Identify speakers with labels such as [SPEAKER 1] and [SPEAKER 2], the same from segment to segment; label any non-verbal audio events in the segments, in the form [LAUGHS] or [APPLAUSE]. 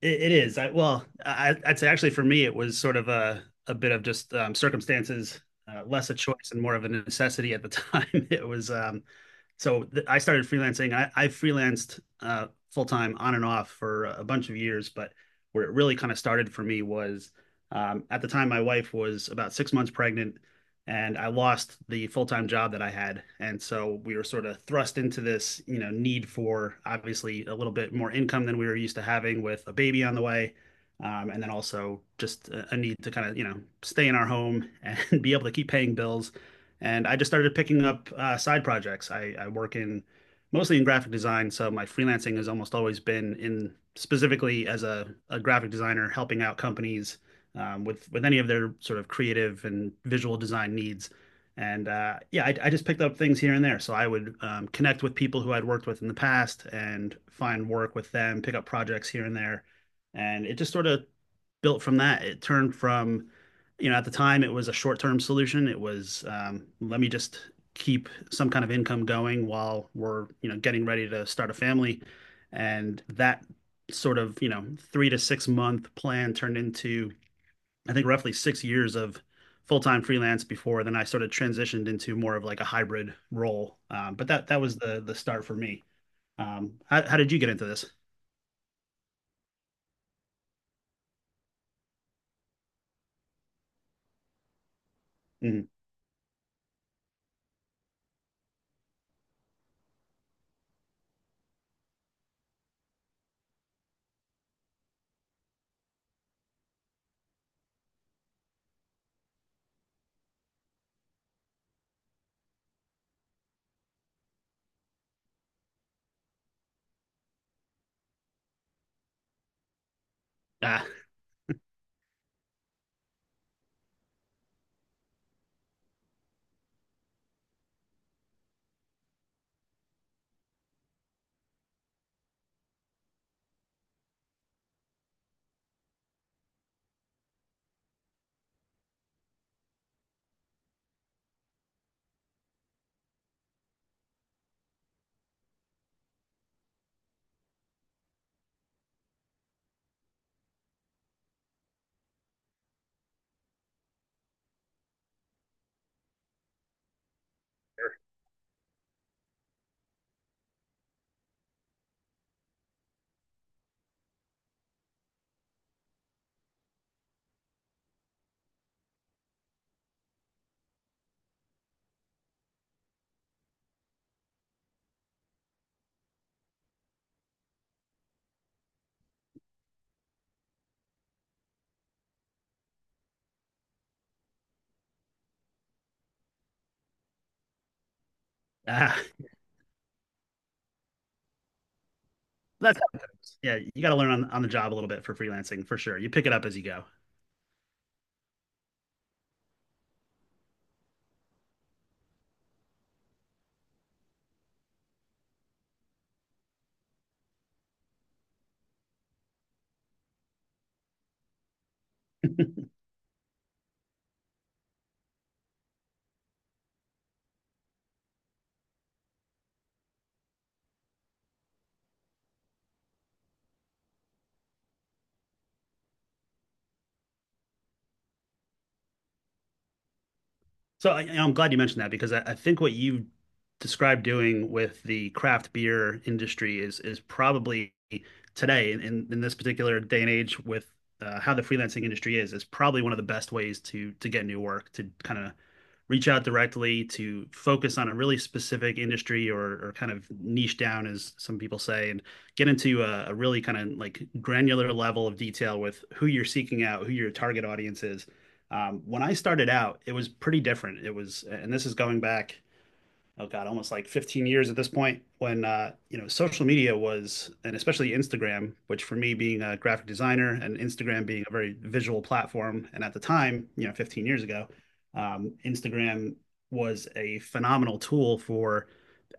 [SPEAKER 1] It is. I'd say actually for me, it was sort of a bit of just circumstances, less a choice and more of a necessity at the time. [LAUGHS] It was I started freelancing. I freelanced full time on and off for a bunch of years, but where it really kind of started for me was at the time my wife was about 6 months pregnant and I lost the full-time job that I had. And so we were sort of thrust into this, you know, need for obviously a little bit more income than we were used to having with a baby on the way. And then also just a need to kind of, you know, stay in our home and [LAUGHS] be able to keep paying bills. And I just started picking up side projects. I work in mostly in graphic design, so my freelancing has almost always been in specifically as a graphic designer helping out companies with any of their sort of creative and visual design needs. And yeah, I just picked up things here and there. So I would connect with people who I'd worked with in the past and find work with them, pick up projects here and there. And it just sort of built from that. It turned from, you know, at the time it was a short term solution. It was let me just keep some kind of income going while we're, you know, getting ready to start a family. And that sort of, you know, 3 to 6 month plan turned into I think roughly 6 years of full-time freelance before then I sort of transitioned into more of like a hybrid role. But that was the start for me. How did you get into this? Mm. Ah, ah. [LAUGHS] That's. Yeah, you got to learn on the job a little bit for freelancing for sure. You pick it up as you go. So I'm glad you mentioned that because I think what you described doing with the craft beer industry is probably today in this particular day and age with how the freelancing industry is probably one of the best ways to get new work to kind of reach out directly to focus on a really specific industry or kind of niche down as some people say and get into a really kind of like granular level of detail with who you're seeking out, who your target audience is. When I started out, it was pretty different. It was, and this is going back oh God, almost like 15 years at this point when you know, social media was, and especially Instagram, which for me being a graphic designer and Instagram being a very visual platform, and at the time, you know, 15 years ago, Instagram was a phenomenal tool for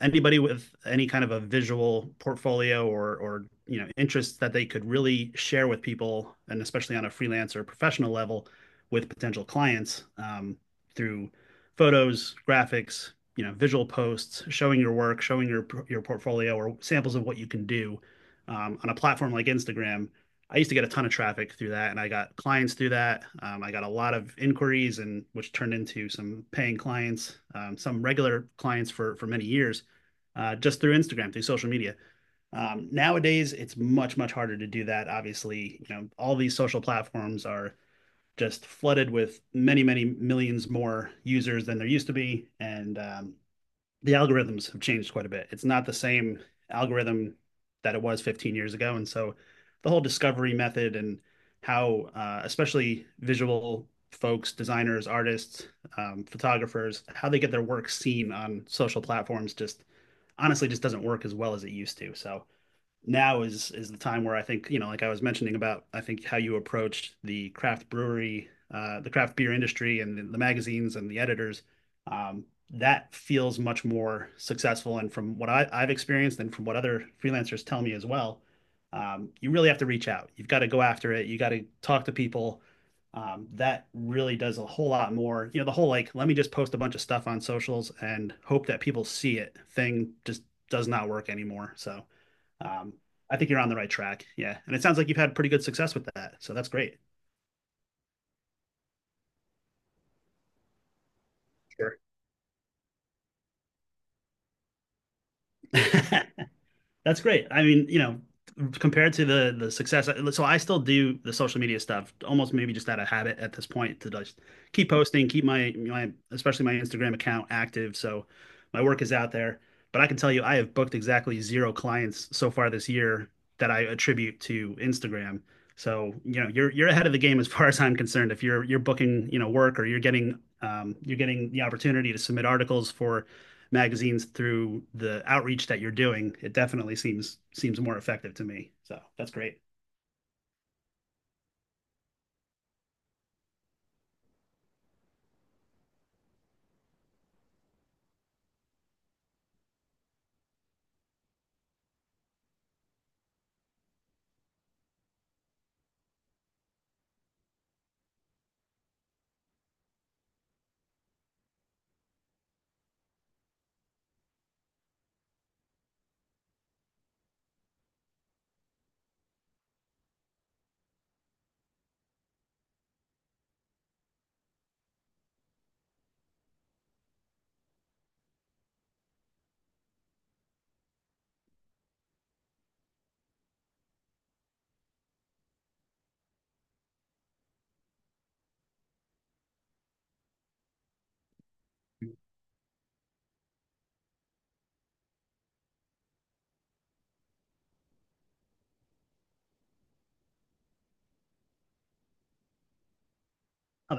[SPEAKER 1] anybody with any kind of a visual portfolio or you know interests that they could really share with people and especially on a freelance or professional level with potential clients, through photos, graphics, you know, visual posts, showing your work, showing your portfolio or samples of what you can do on a platform like Instagram. I used to get a ton of traffic through that, and I got clients through that. I got a lot of inquiries, and which turned into some paying clients, some regular clients for many years, just through Instagram, through social media. Nowadays, it's much harder to do that. Obviously, you know, all these social platforms are just flooded with many millions more users than there used to be, and the algorithms have changed quite a bit. It's not the same algorithm that it was 15 years ago. And so the whole discovery method and how, especially visual folks, designers, artists, photographers, how they get their work seen on social platforms just honestly just doesn't work as well as it used to. So now is the time where I think, you know, like I was mentioning about, I think how you approached the craft brewery, the craft beer industry and the magazines and the editors, um, that feels much more successful. And from what I've experienced and from what other freelancers tell me as well, you really have to reach out. You've got to go after it. You got to talk to people. That really does a whole lot more. You know, the whole like, let me just post a bunch of stuff on socials and hope that people see it thing just does not work anymore. So um, I think you're on the right track. Yeah, and it sounds like you've had pretty good success with that, so that's great. Sure. [LAUGHS] That's great. I mean, you know, compared to the success, so I still do the social media stuff, almost maybe just out of habit at this point to just keep posting, keep my especially my Instagram account active, so my work is out there. But I can tell you, I have booked exactly zero clients so far this year that I attribute to Instagram. So, you know, you're ahead of the game as far as I'm concerned. If you're booking, you know, work or you're getting the opportunity to submit articles for magazines through the outreach that you're doing, it definitely seems seems more effective to me. So that's great. Uh,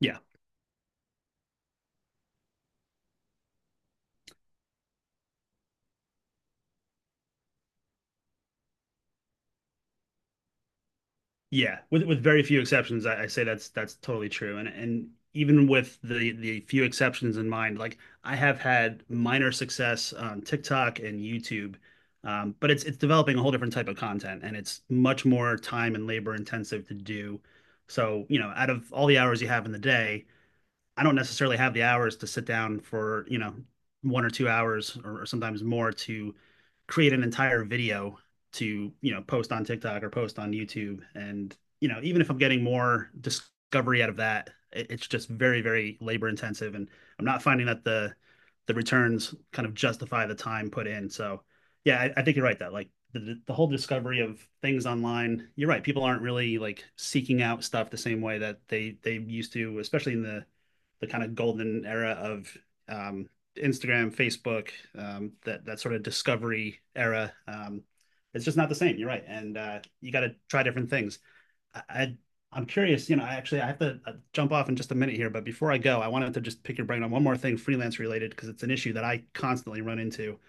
[SPEAKER 1] yeah, yeah. With very few exceptions, I say that's totally true. And even with the few exceptions in mind, like I have had minor success on TikTok and YouTube, but it's developing a whole different type of content, and it's much more time and labor intensive to do. So, you know, out of all the hours you have in the day, I don't necessarily have the hours to sit down for, you know, 1 or 2 hours or sometimes more to create an entire video to, you know, post on TikTok or post on YouTube. And, you know, even if I'm getting more discovery out of that, it's just very, very labor intensive. And I'm not finding that the returns kind of justify the time put in. So yeah, I think you're right that like the whole discovery of things online, you're right. People aren't really like seeking out stuff the same way that they used to, especially in the kind of golden era of um, Instagram, Facebook, that that sort of discovery era. It's just not the same. You're right, and you got to try different things. I, I am curious. You know, I actually I have to jump off in just a minute here, but before I go, I wanted to just pick your brain on one more thing freelance related because it's an issue that I constantly run into,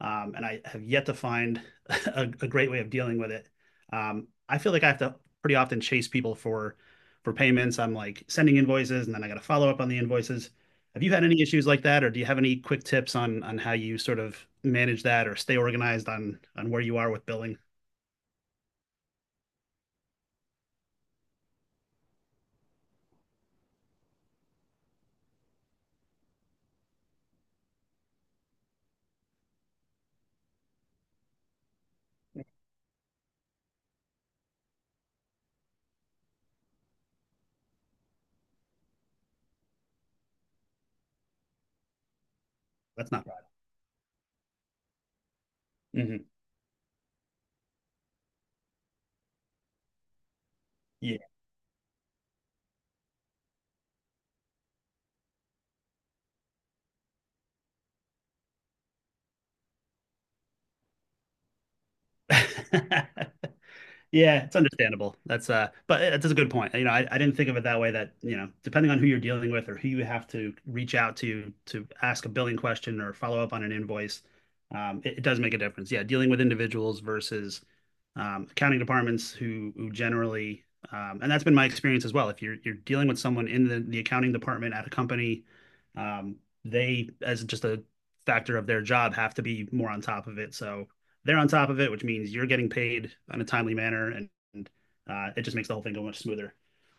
[SPEAKER 1] and I have yet to find [LAUGHS] a great way of dealing with it. I feel like I have to pretty often chase people for payments. I'm like sending invoices, and then I got to follow up on the invoices. Have you had any issues like that, or do you have any quick tips on how you sort of manage that or stay organized on where you are with billing? That's not right. Hmm. Yeah. [LAUGHS] Yeah, it's understandable. That's a good point. You know, I didn't think of it that way that, you know, depending on who you're dealing with or who you have to reach out to ask a billing question or follow up on an invoice, it does make a difference. Yeah, dealing with individuals versus accounting departments who generally, and that's been my experience as well. If you're dealing with someone in the accounting department at a company, um, they, as just a factor of their job, have to be more on top of it. So they're on top of it, which means you're getting paid in a timely manner, and it just makes the whole thing go much smoother.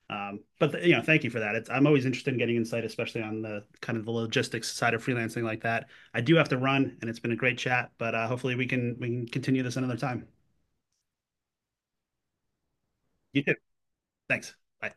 [SPEAKER 1] You know, thank you for that. It's, I'm always interested in getting insight, especially on the kind of the logistics side of freelancing like that. I do have to run, and it's been a great chat, but hopefully we can continue this another time. You too. Thanks. Bye.